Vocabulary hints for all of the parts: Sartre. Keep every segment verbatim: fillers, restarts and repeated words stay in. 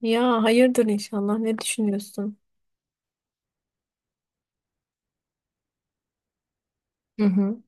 Ya hayırdır inşallah. Ne düşünüyorsun? Hı hı.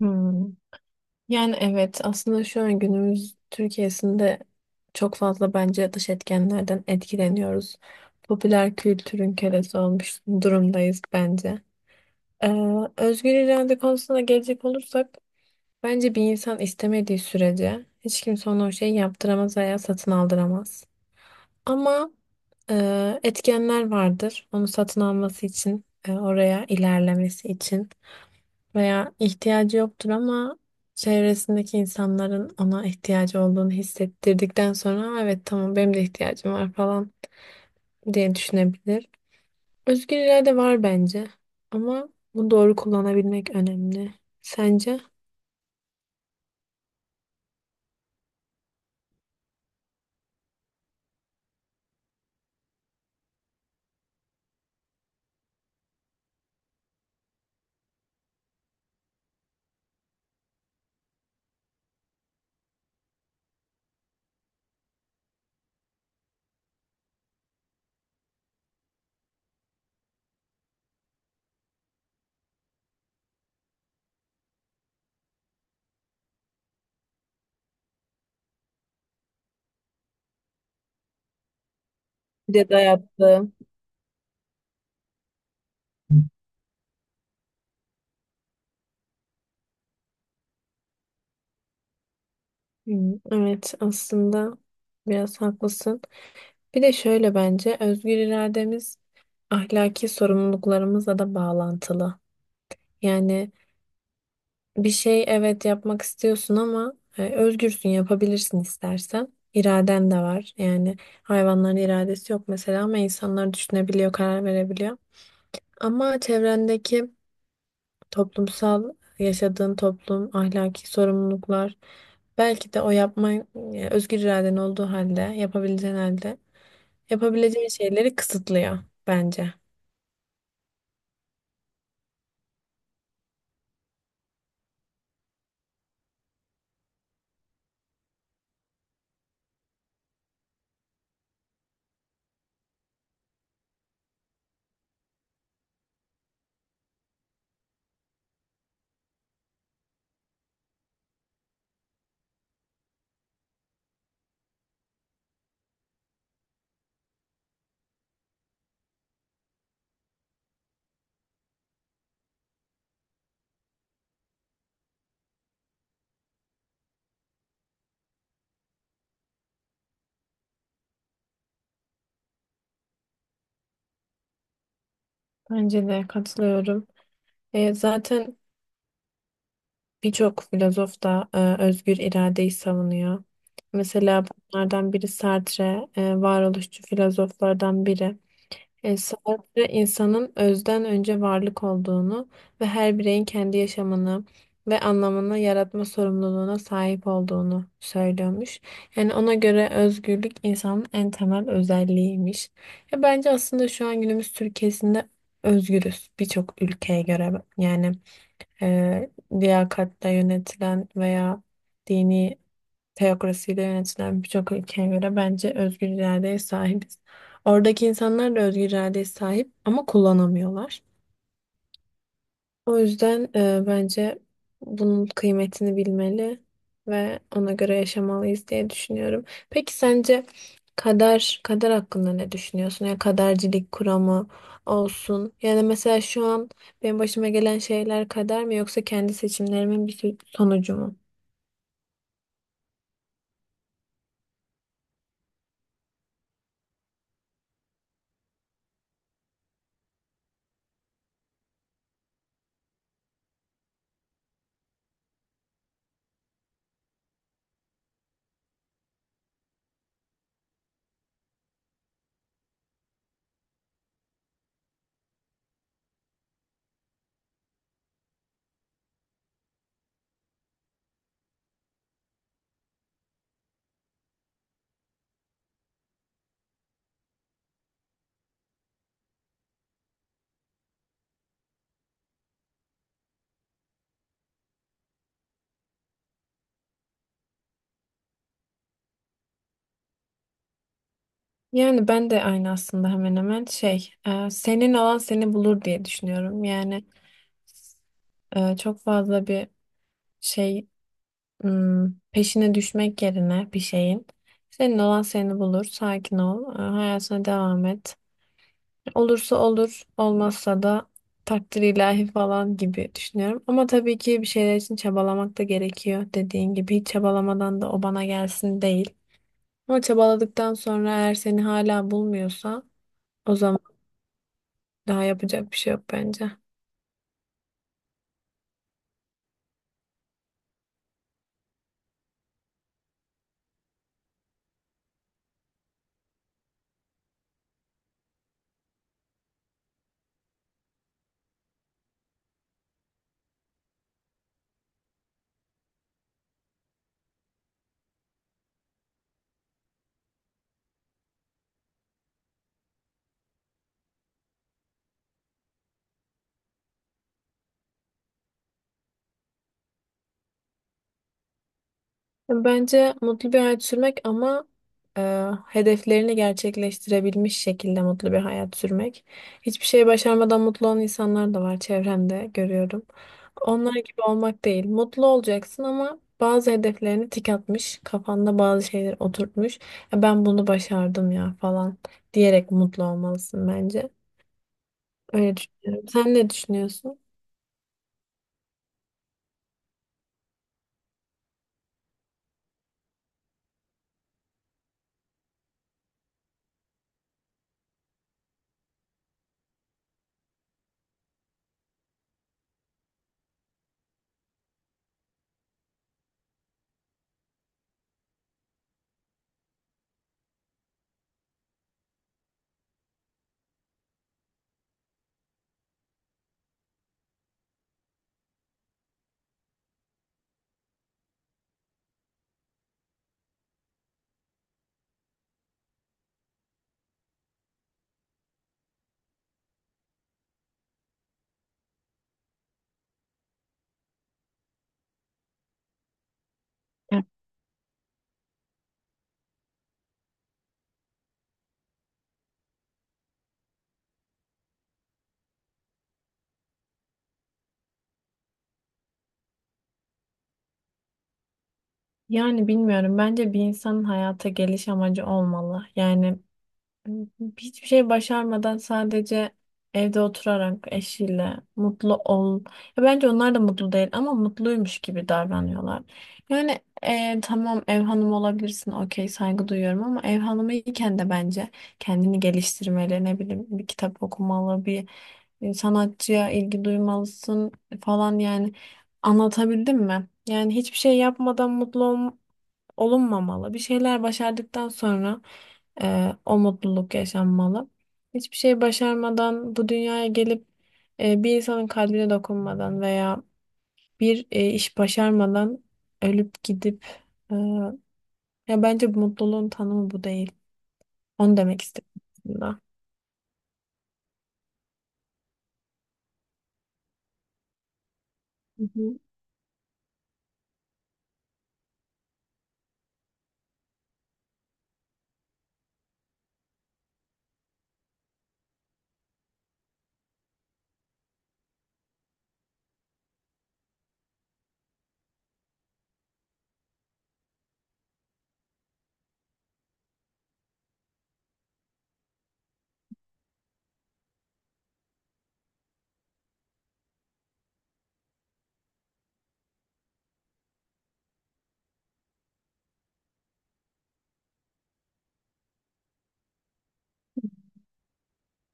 Hmm. Yani evet aslında şu an günümüz Türkiye'sinde çok fazla bence dış etkenlerden etkileniyoruz. Popüler kültürün kölesi olmuş durumdayız bence. Ee, Özgür irade konusuna gelecek olursak bence bir insan istemediği sürece hiç kimse ona o şeyi yaptıramaz veya satın aldıramaz. Ama e, etkenler vardır onu satın alması için, e, oraya ilerlemesi için. Veya ihtiyacı yoktur ama çevresindeki insanların ona ihtiyacı olduğunu hissettirdikten sonra evet tamam benim de ihtiyacım var falan diye düşünebilir. Özgür irade var bence ama bunu doğru kullanabilmek önemli. Sence? Bir de dayattı. Hmm, evet aslında biraz haklısın. Bir de şöyle bence özgür irademiz ahlaki sorumluluklarımızla da bağlantılı. Yani bir şey evet yapmak istiyorsun ama e, özgürsün yapabilirsin istersen. İraden de var. Yani hayvanların iradesi yok mesela ama insanlar düşünebiliyor, karar verebiliyor. Ama çevrendeki toplumsal yaşadığın toplum, ahlaki sorumluluklar belki de o yapma, e, özgür iraden olduğu halde, yapabileceğin halde yapabileceğin şeyleri kısıtlıyor bence. Bence de katılıyorum. E, zaten birçok filozof da e, özgür iradeyi savunuyor. Mesela bunlardan biri Sartre, e, varoluşçu filozoflardan biri. E, Sartre insanın özden önce varlık olduğunu ve her bireyin kendi yaşamını ve anlamını yaratma sorumluluğuna sahip olduğunu söylüyormuş. Yani ona göre özgürlük insanın en temel özelliğiymiş. Ya bence aslında şu an günümüz Türkiye'sinde özgürüz birçok ülkeye göre, yani e, liyakatle yönetilen veya dini teokrasiyle yönetilen birçok ülkeye göre bence özgür iradeye sahibiz. Oradaki insanlar da özgür iradeye sahip ama kullanamıyorlar. O yüzden e, bence bunun kıymetini bilmeli ve ona göre yaşamalıyız diye düşünüyorum. Peki sence kader kader hakkında ne düşünüyorsun? Ya kadercilik kuramı olsun. Yani mesela şu an benim başıma gelen şeyler kader mi yoksa kendi seçimlerimin bir sü- sonucu mu? Yani ben de aynı aslında hemen hemen şey, e, senin olan seni bulur diye düşünüyorum. Yani e, çok fazla bir şey, hmm, peşine düşmek yerine bir şeyin. Senin olan seni bulur. Sakin ol. e, Hayatına devam et. Olursa olur, olmazsa da takdir ilahi falan gibi düşünüyorum. Ama tabii ki bir şeyler için çabalamak da gerekiyor. Dediğin gibi hiç çabalamadan da o bana gelsin değil. Ama çabaladıktan sonra eğer seni hala bulmuyorsa o zaman daha yapacak bir şey yok bence. Bence mutlu bir hayat sürmek ama e, hedeflerini gerçekleştirebilmiş şekilde mutlu bir hayat sürmek. Hiçbir şey başarmadan mutlu olan insanlar da var, çevremde görüyorum. Onlar gibi olmak değil. Mutlu olacaksın ama bazı hedeflerini tik atmış, kafanda bazı şeyler oturtmuş. "E, ben bunu başardım ya" falan diyerek mutlu olmalısın bence. Öyle düşünüyorum. Sen ne düşünüyorsun? Ya- Yani bilmiyorum. Bence bir insanın hayata geliş amacı olmalı. Yani hiçbir şey başarmadan sadece evde oturarak eşiyle mutlu ol. Ya bence onlar da mutlu değil ama mutluymuş gibi davranıyorlar. Yani e, tamam, ev hanımı olabilirsin, okey, saygı duyuyorum ama ev hanımı iken de bence kendini geliştirmeli, ne bileyim, bir kitap okumalı, bir e, sanatçıya ilgi duymalısın falan, yani anlatabildim mi? Yani hiçbir şey yapmadan mutlu ol olunmamalı. Bir şeyler başardıktan sonra e, o mutluluk yaşanmalı. Hiçbir şey başarmadan bu dünyaya gelip e, bir insanın kalbine dokunmadan veya bir e, iş başarmadan ölüp gidip e, ya bence bu mutluluğun tanımı bu değil. Onu demek istedim aslında. Hı hı.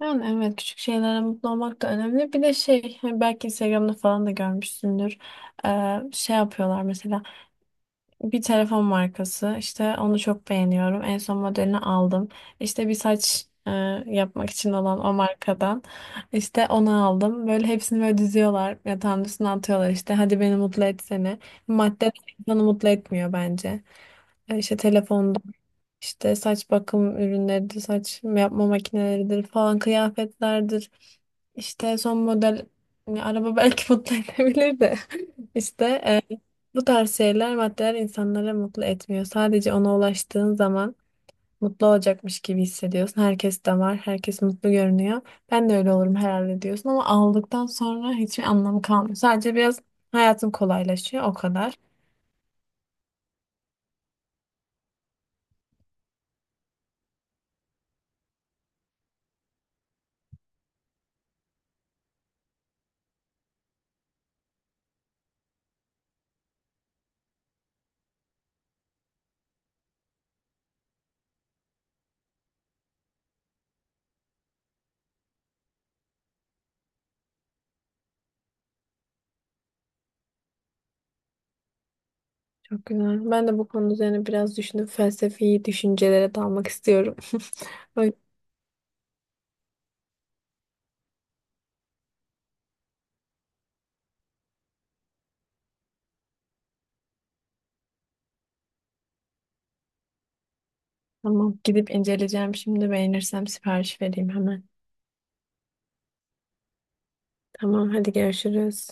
Yani evet, küçük şeylere mutlu olmak da önemli. Bir de şey, hani belki Instagram'da falan da görmüşsündür. E, şey yapıyorlar mesela. Bir telefon markası, işte onu çok beğeniyorum, en son modelini aldım. İşte bir saç e, yapmak için olan o markadan işte onu aldım. Böyle hepsini böyle diziyorlar, yatağın üstüne atıyorlar, işte hadi beni mutlu etsene. Madde insanı mutlu etmiyor bence. E, işte telefonda işte saç bakım ürünleridir, saç yapma makineleridir falan, kıyafetlerdir. İşte son model, yani araba belki mutlu edebilir de işte e, bu tarz şeyler, maddeler insanları mutlu etmiyor. Sadece ona ulaştığın zaman mutlu olacakmış gibi hissediyorsun. Herkes de var, herkes mutlu görünüyor. Ben de öyle olurum herhalde diyorsun ama aldıktan sonra hiçbir anlamı kalmıyor. Sadece biraz hayatım kolaylaşıyor, o kadar. Çok güzel. Ben de bu konu üzerine biraz düşünüp felsefi düşüncelere dalmak istiyorum. O yüzden... Tamam, gidip inceleyeceğim. Şimdi beğenirsem sipariş vereyim hemen. Tamam, hadi görüşürüz.